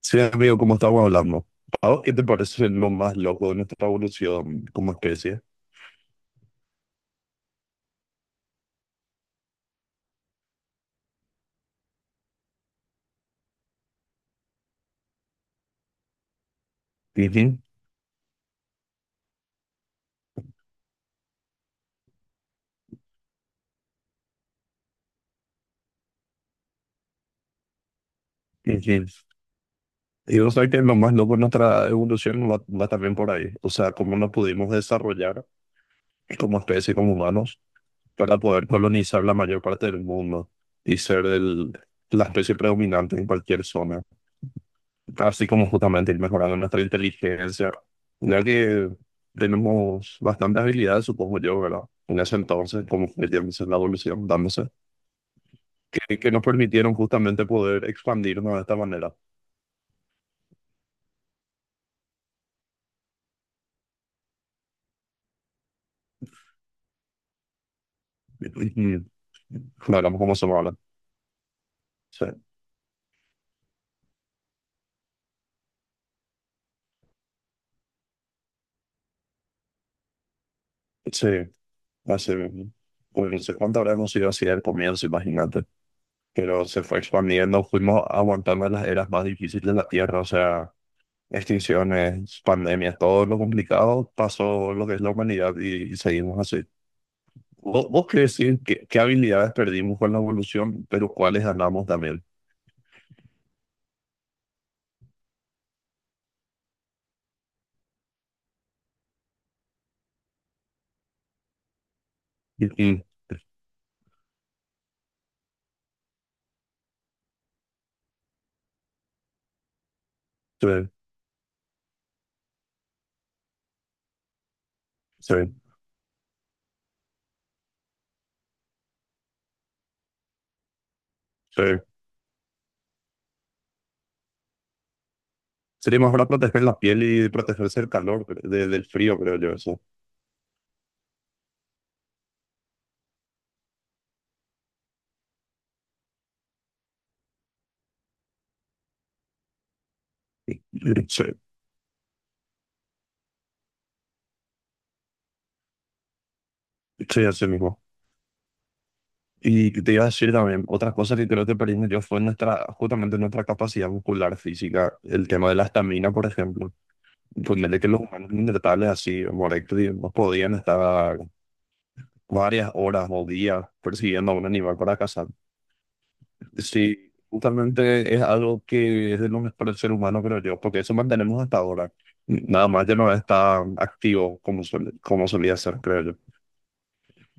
Sí, amigo, como estábamos hablando, ¿a vos qué te parece lo más loco de nuestra evolución como especie? Ujú. Ujú. Y vos sabés que lo más loco de nuestra evolución va también por ahí. O sea, cómo nos pudimos desarrollar como especie, como humanos, para poder colonizar la mayor parte del mundo y ser la especie predominante en cualquier zona. Así como justamente ir mejorando nuestra inteligencia, ya que tenemos bastantes habilidades, supongo yo, ¿verdad? En ese entonces, como que ya dice la evolución, dándose, que nos permitieron justamente poder expandirnos de esta manera. Y, y hablamos como somos ahora. Sí, sí. Así mismo. Pues no sé cuánto habrá conseguido así al comienzo, imagínate. Pero se fue expandiendo, fuimos aguantando las eras más difíciles de la Tierra, o sea, extinciones, pandemias, todo lo complicado pasó lo que es la humanidad y seguimos así. ¿Vos querés decir qué, qué habilidades perdimos con la evolución, pero cuáles ganamos también? Y- y- Sí, sí, sí. Sería mejor proteger la piel y protegerse del calor, pero- de- del frío, creo yo, eso. Sí. Sí, así mismo. Y te iba a decir también, otra cosa que creo que perdí yo fue nuestra, justamente nuestra capacidad muscular física, el tema de la estamina, por ejemplo. Ponerle que los humanos neandertales así, morectos, no podían estar varias horas o días persiguiendo a un animal para cazar. Sí, justamente es algo que es de lo mejor del ser humano, creo yo, porque eso mantenemos hasta ahora. Nada más ya no está activo como, suele- como solía ser, creo yo.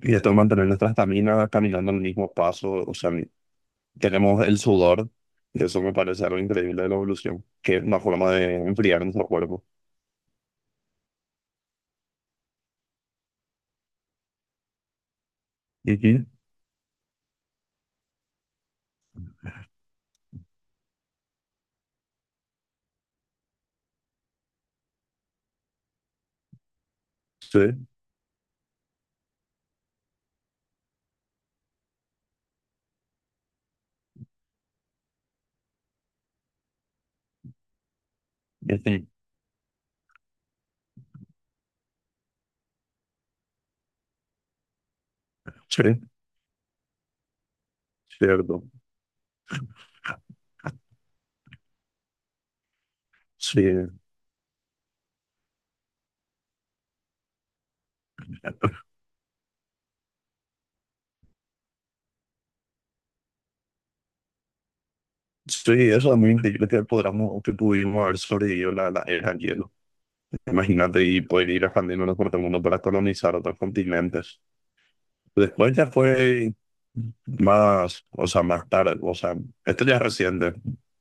Y esto de mantener nuestra estamina caminando al mismo paso, o sea, tenemos el sudor, y eso me parece algo increíble de la evolución, que es una forma de enfriar nuestro cuerpo. Y sí, sí, este, sí, cierto. Sí, sí, eso es muy increíble que podamos, que pudimos haber sobrevivido la era del hielo. Imagínate y poder ir expandiéndonos por el mundo para colonizar otros continentes. Después ya fue más, o sea, más tarde, o sea, esto ya es reciente,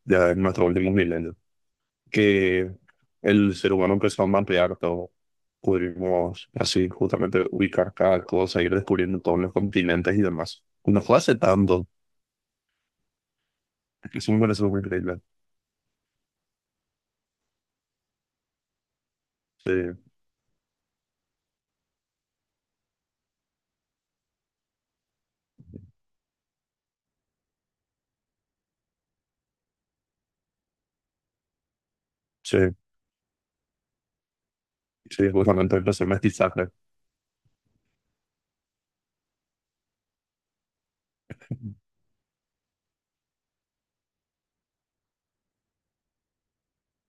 ya es nuestro último milenio, que el ser humano empezó a mapear todo. Pudimos así justamente ubicar cada cosa, ir descubriendo todos los continentes y demás. No fue hace tanto, eso me parece muy increíble. Sí, sí, sí, justamente el mestizaje.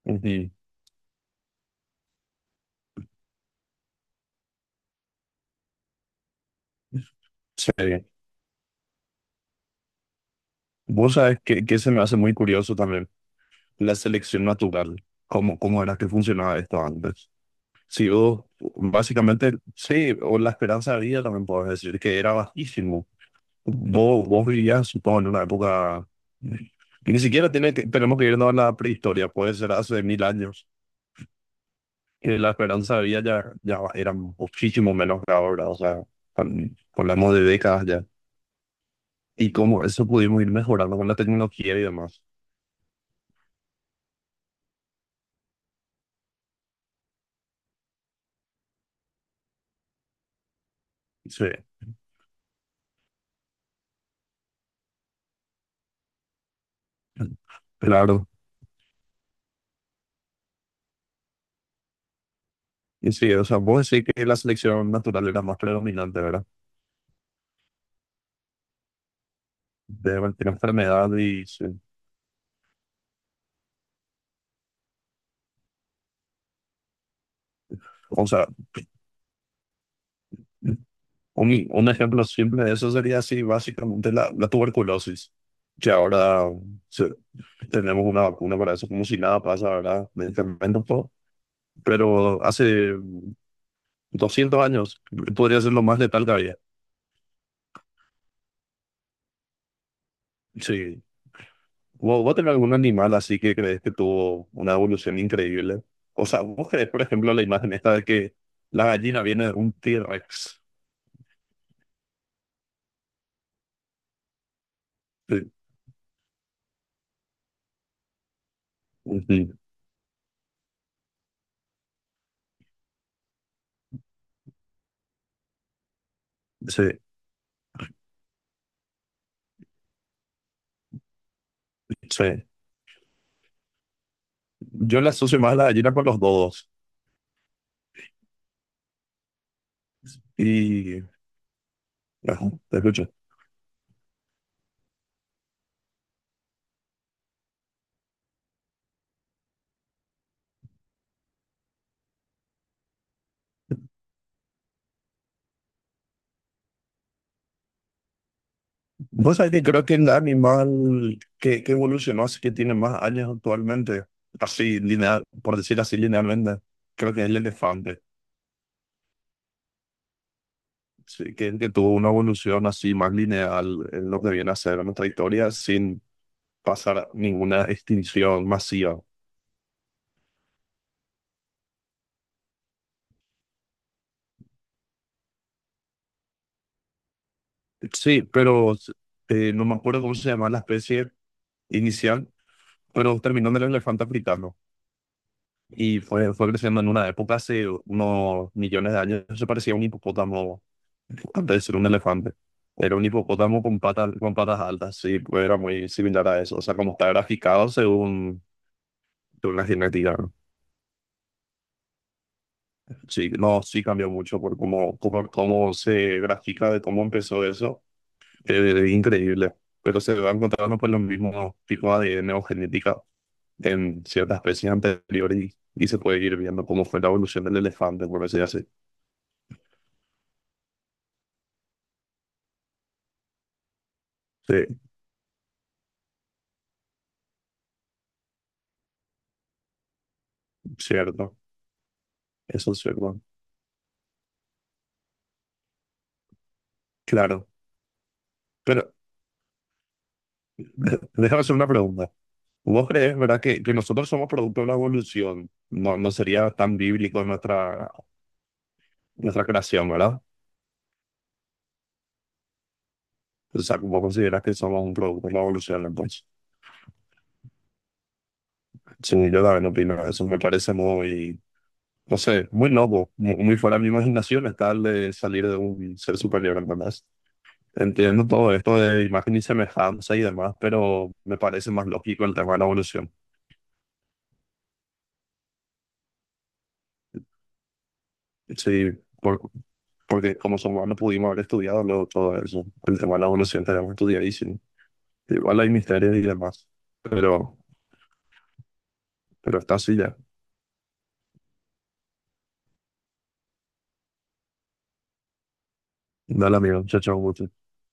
Y sí, vos sabes que se me hace muy curioso también, la selección natural, cómo era que funcionaba esto antes. Sí, vos, básicamente, sí, o la esperanza de vida también puedo decir que era bajísimo. Vos vivías, supongo, en una época que ni siquiera tiene que, tenemos que irnos a la prehistoria, puede ser hace 1000 años, que la esperanza de vida ya era muchísimo menos que ahora, o sea, tan- hablamos de décadas ya. Y cómo eso pudimos ir mejorando con la tecnología y demás. Sí, claro. Y sí, o sea, vos decís que la selección natural era más predominante, ¿verdad? De cualquier enfermedad y, sí. O sea, un ejemplo simple de eso sería así, básicamente la tuberculosis, que ahora se- tenemos una vacuna para eso, como si nada pasa, ¿verdad? Medicamentos, todo. Pero hace 200 años podría ser lo más letal que había. Sí. ¿Vos tenés algún animal así que crees que tuvo una evolución increíble? O sea, ¿vos crees, por ejemplo, la imagen esta de que la gallina viene de un T-Rex? Sí, sí, sí. Sí. Yo la asocio más a la gallina con los dodos. Y... Ajá, te escucho. Vos sabés que creo que el animal que evolucionó, así que tiene más años actualmente, así lineal, por decir así linealmente, creo que es el elefante, sí, que tuvo una evolución así más lineal en lo que viene a ser nuestra historia sin pasar ninguna extinción masiva. Sí, pero no me acuerdo cómo se llama la especie inicial, pero terminó en el elefante africano. Y fue, fue creciendo en una época hace unos millones de años. Se parecía a un hipopótamo antes de ser un elefante. Era un hipopótamo con patas altas, sí, pues era muy similar a eso. O sea, como está graficado según, según la genética, ¿no? Sí, no, sí cambió mucho por cómo, cómo, cómo se grafica de cómo empezó eso. Es increíble. Pero se van encontrando pues los mismos tipos de ADN o genética en ciertas especies anteriores y se puede ir viendo cómo fue la evolución del elefante, por decir así. Sí. Cierto, eso es cierto. Claro. Pero de- déjame hacer una pregunta. ¿Vos crees, verdad, que nosotros somos producto de la evolución? No sería tan bíblico nuestra, nuestra creación, ¿verdad? O sea, ¿vos consideras que somos un producto de la evolución, entonces? Sí, yo también opino eso. Me parece muy, no sé, muy loco, mu- muy, fuera de mi imaginación estar de salir de un ser superior, ¿entendés? Entiendo todo esto de imagen y semejanza y demás, pero me parece más lógico el tema de la evolución. Sí, por- porque como somos humanos pudimos haber estudiado luego todo eso. El tema de la evolución tenemos estudiadísimo. Igual hay misterios y demás. Pero, pero está así ya. Dale, amigo. Chao, chao, gusto.